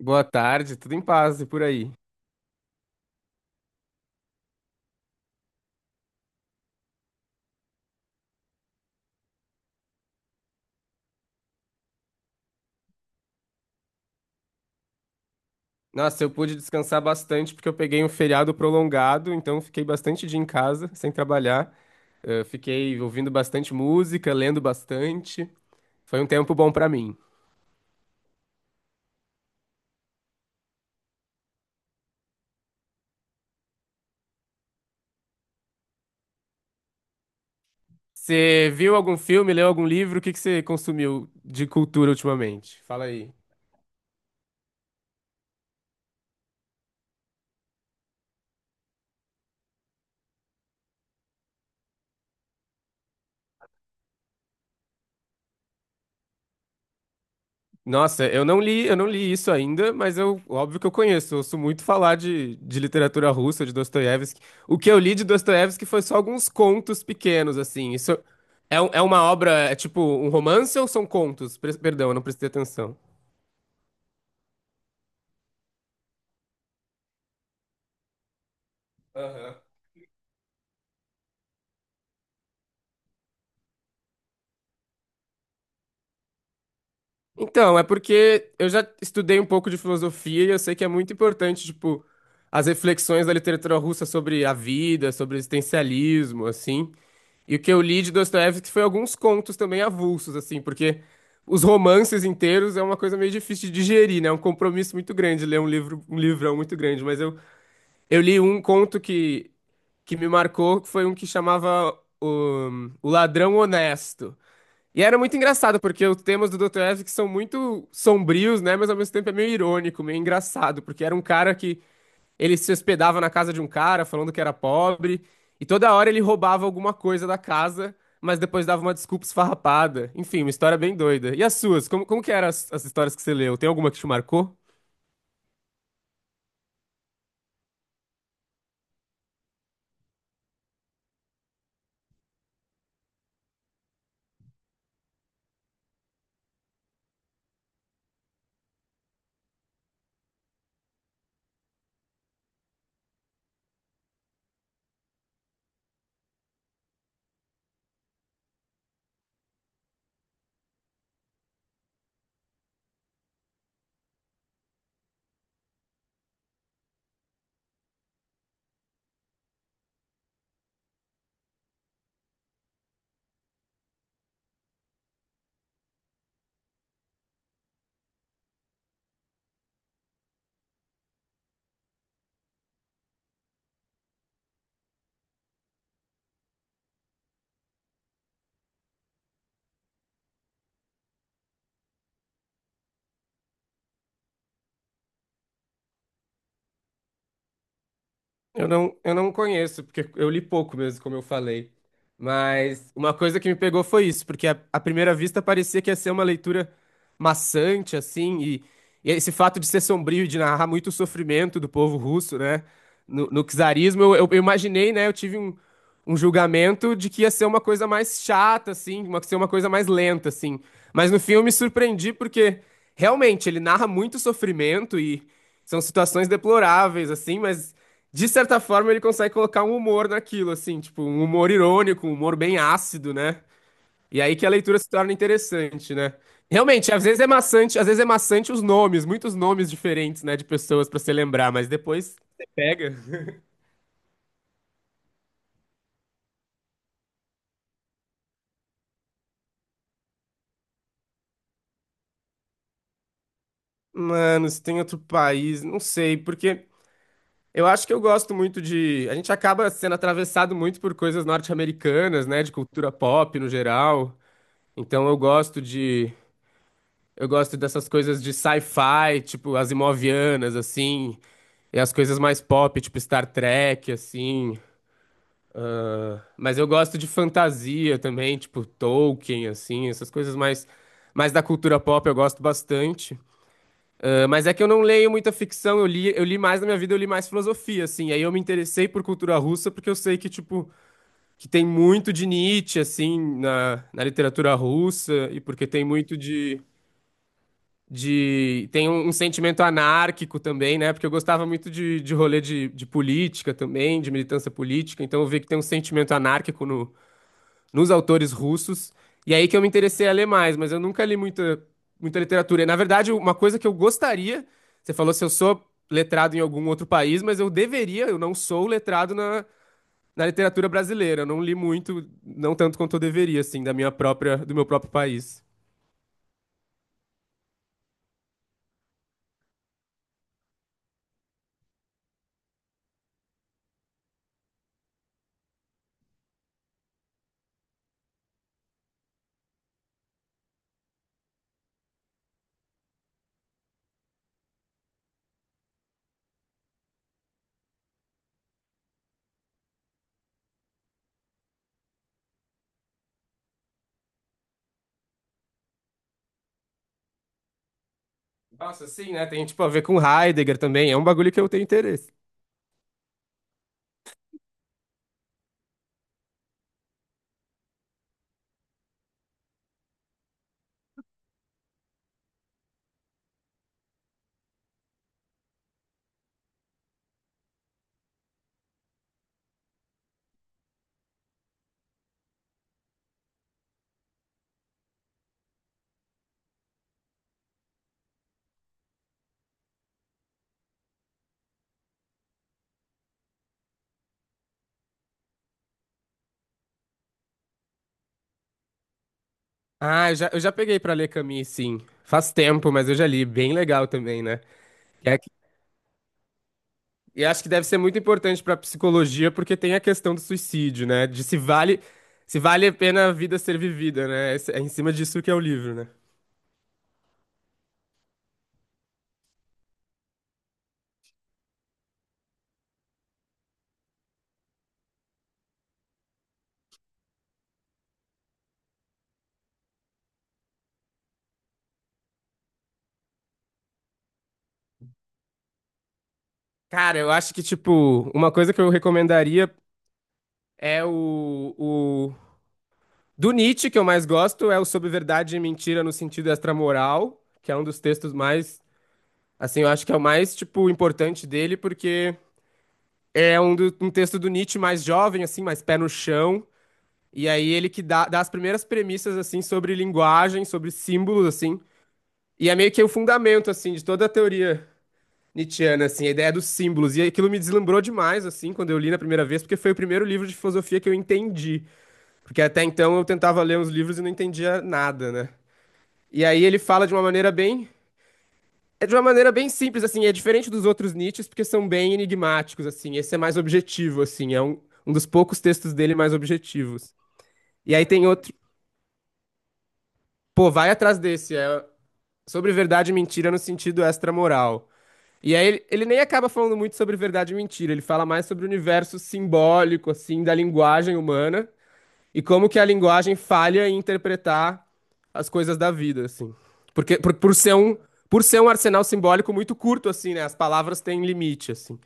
Boa tarde, tudo em paz e por aí. Nossa, eu pude descansar bastante porque eu peguei um feriado prolongado, então fiquei bastante dia em casa, sem trabalhar. Fiquei ouvindo bastante música, lendo bastante. Foi um tempo bom pra mim. Você viu algum filme, leu algum livro? O que que você consumiu de cultura ultimamente? Fala aí. Nossa, eu não li isso ainda, mas eu, óbvio que eu conheço. Eu ouço muito falar de literatura russa, de Dostoiévski. O que eu li de Dostoiévski foi só alguns contos pequenos, assim. É uma obra, é tipo um romance ou são contos? Perdão, eu não prestei atenção. Aham. Então, é porque eu já estudei um pouco de filosofia e eu sei que é muito importante, tipo, as reflexões da literatura russa sobre a vida, sobre o existencialismo, assim. E o que eu li de Dostoiévski foi alguns contos também avulsos, assim, porque os romances inteiros é uma coisa meio difícil de digerir, né? É um compromisso muito grande ler um livro, um livrão muito grande. Eu li um conto que me marcou, que foi um que chamava o Ladrão Honesto. E era muito engraçado, porque os temas do Dr. Evans são muito sombrios, né? Mas ao mesmo tempo é meio irônico, meio engraçado, porque era um cara que ele se hospedava na casa de um cara falando que era pobre, e toda hora ele roubava alguma coisa da casa, mas depois dava uma desculpa esfarrapada. Enfim, uma história bem doida. E as suas? Como que eram as histórias que você leu? Tem alguma que te marcou? Eu não conheço, porque eu li pouco mesmo, como eu falei. Mas uma coisa que me pegou foi isso, porque à primeira vista parecia que ia ser uma leitura maçante, assim, e esse fato de ser sombrio e de narrar muito o sofrimento do povo russo, né? No czarismo, eu imaginei, né? Eu tive um julgamento de que ia ser uma coisa mais chata, assim, uma, ser uma coisa mais lenta, assim. Mas no fim eu me surpreendi, porque realmente ele narra muito sofrimento e são situações deploráveis, assim, mas. De certa forma, ele consegue colocar um humor naquilo, assim, tipo, um humor irônico, um humor bem ácido, né? E aí que a leitura se torna interessante, né? Realmente, às vezes é maçante, às vezes é maçante os nomes, muitos nomes diferentes, né, de pessoas pra se lembrar, mas depois você pega. Mano, se tem outro país, não sei, porque eu acho que eu gosto muito de. A gente acaba sendo atravessado muito por coisas norte-americanas, né? De cultura pop no geral. Então eu gosto de. Eu gosto dessas coisas de sci-fi, tipo as imovianas, assim, e as coisas mais pop, tipo Star Trek, assim. Mas eu gosto de fantasia também, tipo Tolkien, assim, essas coisas mais, mais da cultura pop eu gosto bastante. Ah, mas é que eu não leio muita ficção, eu li mais na minha vida, eu li mais filosofia, assim. Aí eu me interessei por cultura russa porque eu sei que, tipo, que tem muito de Nietzsche, assim, na literatura russa, e porque tem muito de tem um sentimento anárquico também, né? Porque eu gostava muito de rolê de política também, de militância política, então eu vi que tem um sentimento anárquico no, nos autores russos, e aí que eu me interessei a ler mais, mas eu nunca li muita literatura. E, na verdade, uma coisa que eu gostaria, você falou se eu sou letrado em algum outro país, mas eu deveria, eu não sou letrado na literatura brasileira, eu não li muito, não tanto quanto eu deveria, assim, da minha própria, do meu próprio país. Nossa, sim, né? Tem tipo a ver com Heidegger também. É um bagulho que eu tenho interesse. Ah, eu já peguei pra ler Camus, sim. Faz tempo, mas eu já li. Bem legal também, né? E é que- e acho que deve ser muito importante pra psicologia, porque tem a questão do suicídio, né? De se vale, se vale a pena a vida ser vivida, né? É em cima disso que é o livro, né? Cara, eu acho que, tipo, uma coisa que eu recomendaria é o... Do Nietzsche, que eu mais gosto, é o Sobre Verdade e Mentira no Sentido Extramoral, que é um dos textos mais. Assim, eu acho que é o mais, tipo, importante dele, porque é um texto do Nietzsche mais jovem, assim, mais pé no chão. E aí ele que dá as primeiras premissas, assim, sobre linguagem, sobre símbolos, assim. E é meio que o fundamento, assim, de toda a teoria nietzschiana, assim, a ideia dos símbolos. E aquilo me deslumbrou demais, assim, quando eu li na primeira vez, porque foi o primeiro livro de filosofia que eu entendi. Porque até então eu tentava ler uns livros e não entendia nada, né? E aí ele fala de uma maneira bem É de uma maneira bem simples, assim, é diferente dos outros Nietzsches, porque são bem enigmáticos, assim. Esse é mais objetivo, assim, é um dos poucos textos dele mais objetivos. E aí tem outro, pô, vai atrás desse, é sobre verdade e mentira no sentido extramoral. E aí ele nem acaba falando muito sobre verdade e mentira, ele fala mais sobre o universo simbólico, assim, da linguagem humana e como que a linguagem falha em interpretar as coisas da vida, assim. Por ser por ser um arsenal simbólico muito curto, assim, né? As palavras têm limite, assim.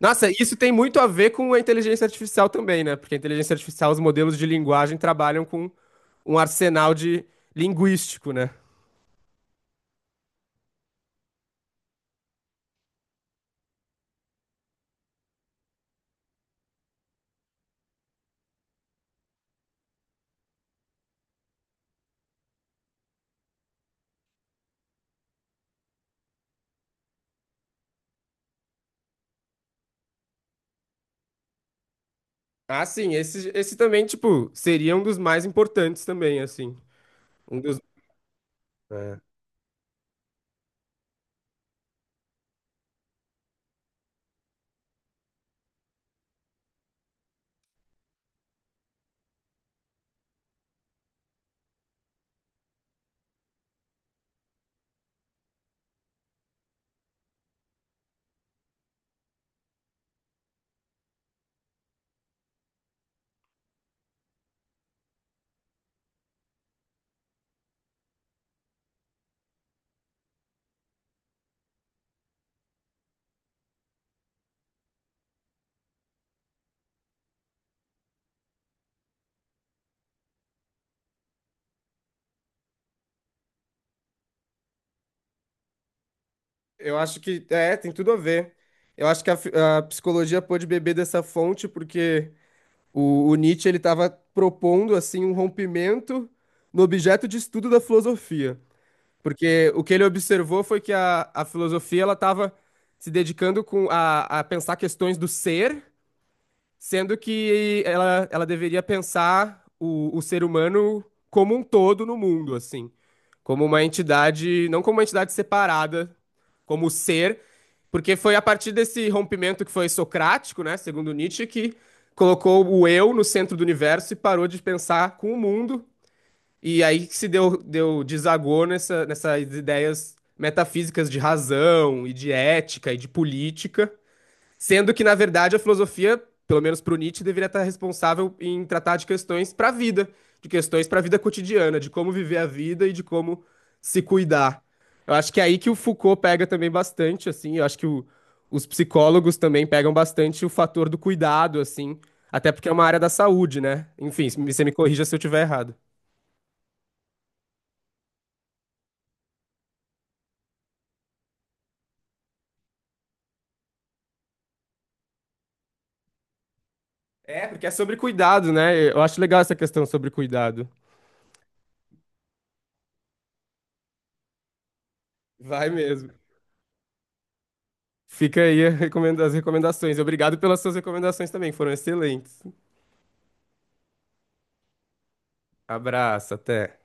Nossa, isso tem muito a ver com a inteligência artificial também, né? Porque a inteligência artificial, os modelos de linguagem trabalham com um arsenal de linguístico, né? Ah, sim, esse também, tipo, seria um dos mais importantes também, assim. Um dos... É. Eu acho que, é, tem tudo a ver. Eu acho que a psicologia pôde beber dessa fonte porque o Nietzsche, ele estava propondo, assim, um rompimento no objeto de estudo da filosofia. Porque o que ele observou foi que a filosofia ela estava se dedicando com a pensar questões do ser, sendo que ela deveria pensar o ser humano como um todo no mundo, assim, como uma entidade, não como uma entidade separada, como ser, porque foi a partir desse rompimento que foi socrático, né, segundo Nietzsche, que colocou o eu no centro do universo e parou de pensar com o mundo e aí que se deu desagou nessas ideias metafísicas de razão e de ética e de política, sendo que, na verdade, a filosofia, pelo menos para o Nietzsche, deveria estar responsável em tratar de questões para a vida, de questões para a vida cotidiana, de como viver a vida e de como se cuidar. Eu acho que é aí que o Foucault pega também bastante, assim, eu acho que o- os psicólogos também pegam bastante o fator do cuidado, assim, até porque é uma área da saúde, né? Enfim, você me corrija se eu estiver errado. É, porque é sobre cuidado, né? Eu acho legal essa questão sobre cuidado. Vai mesmo. Fica aí as recomendações. Obrigado pelas suas recomendações também, foram excelentes. Abraço, até.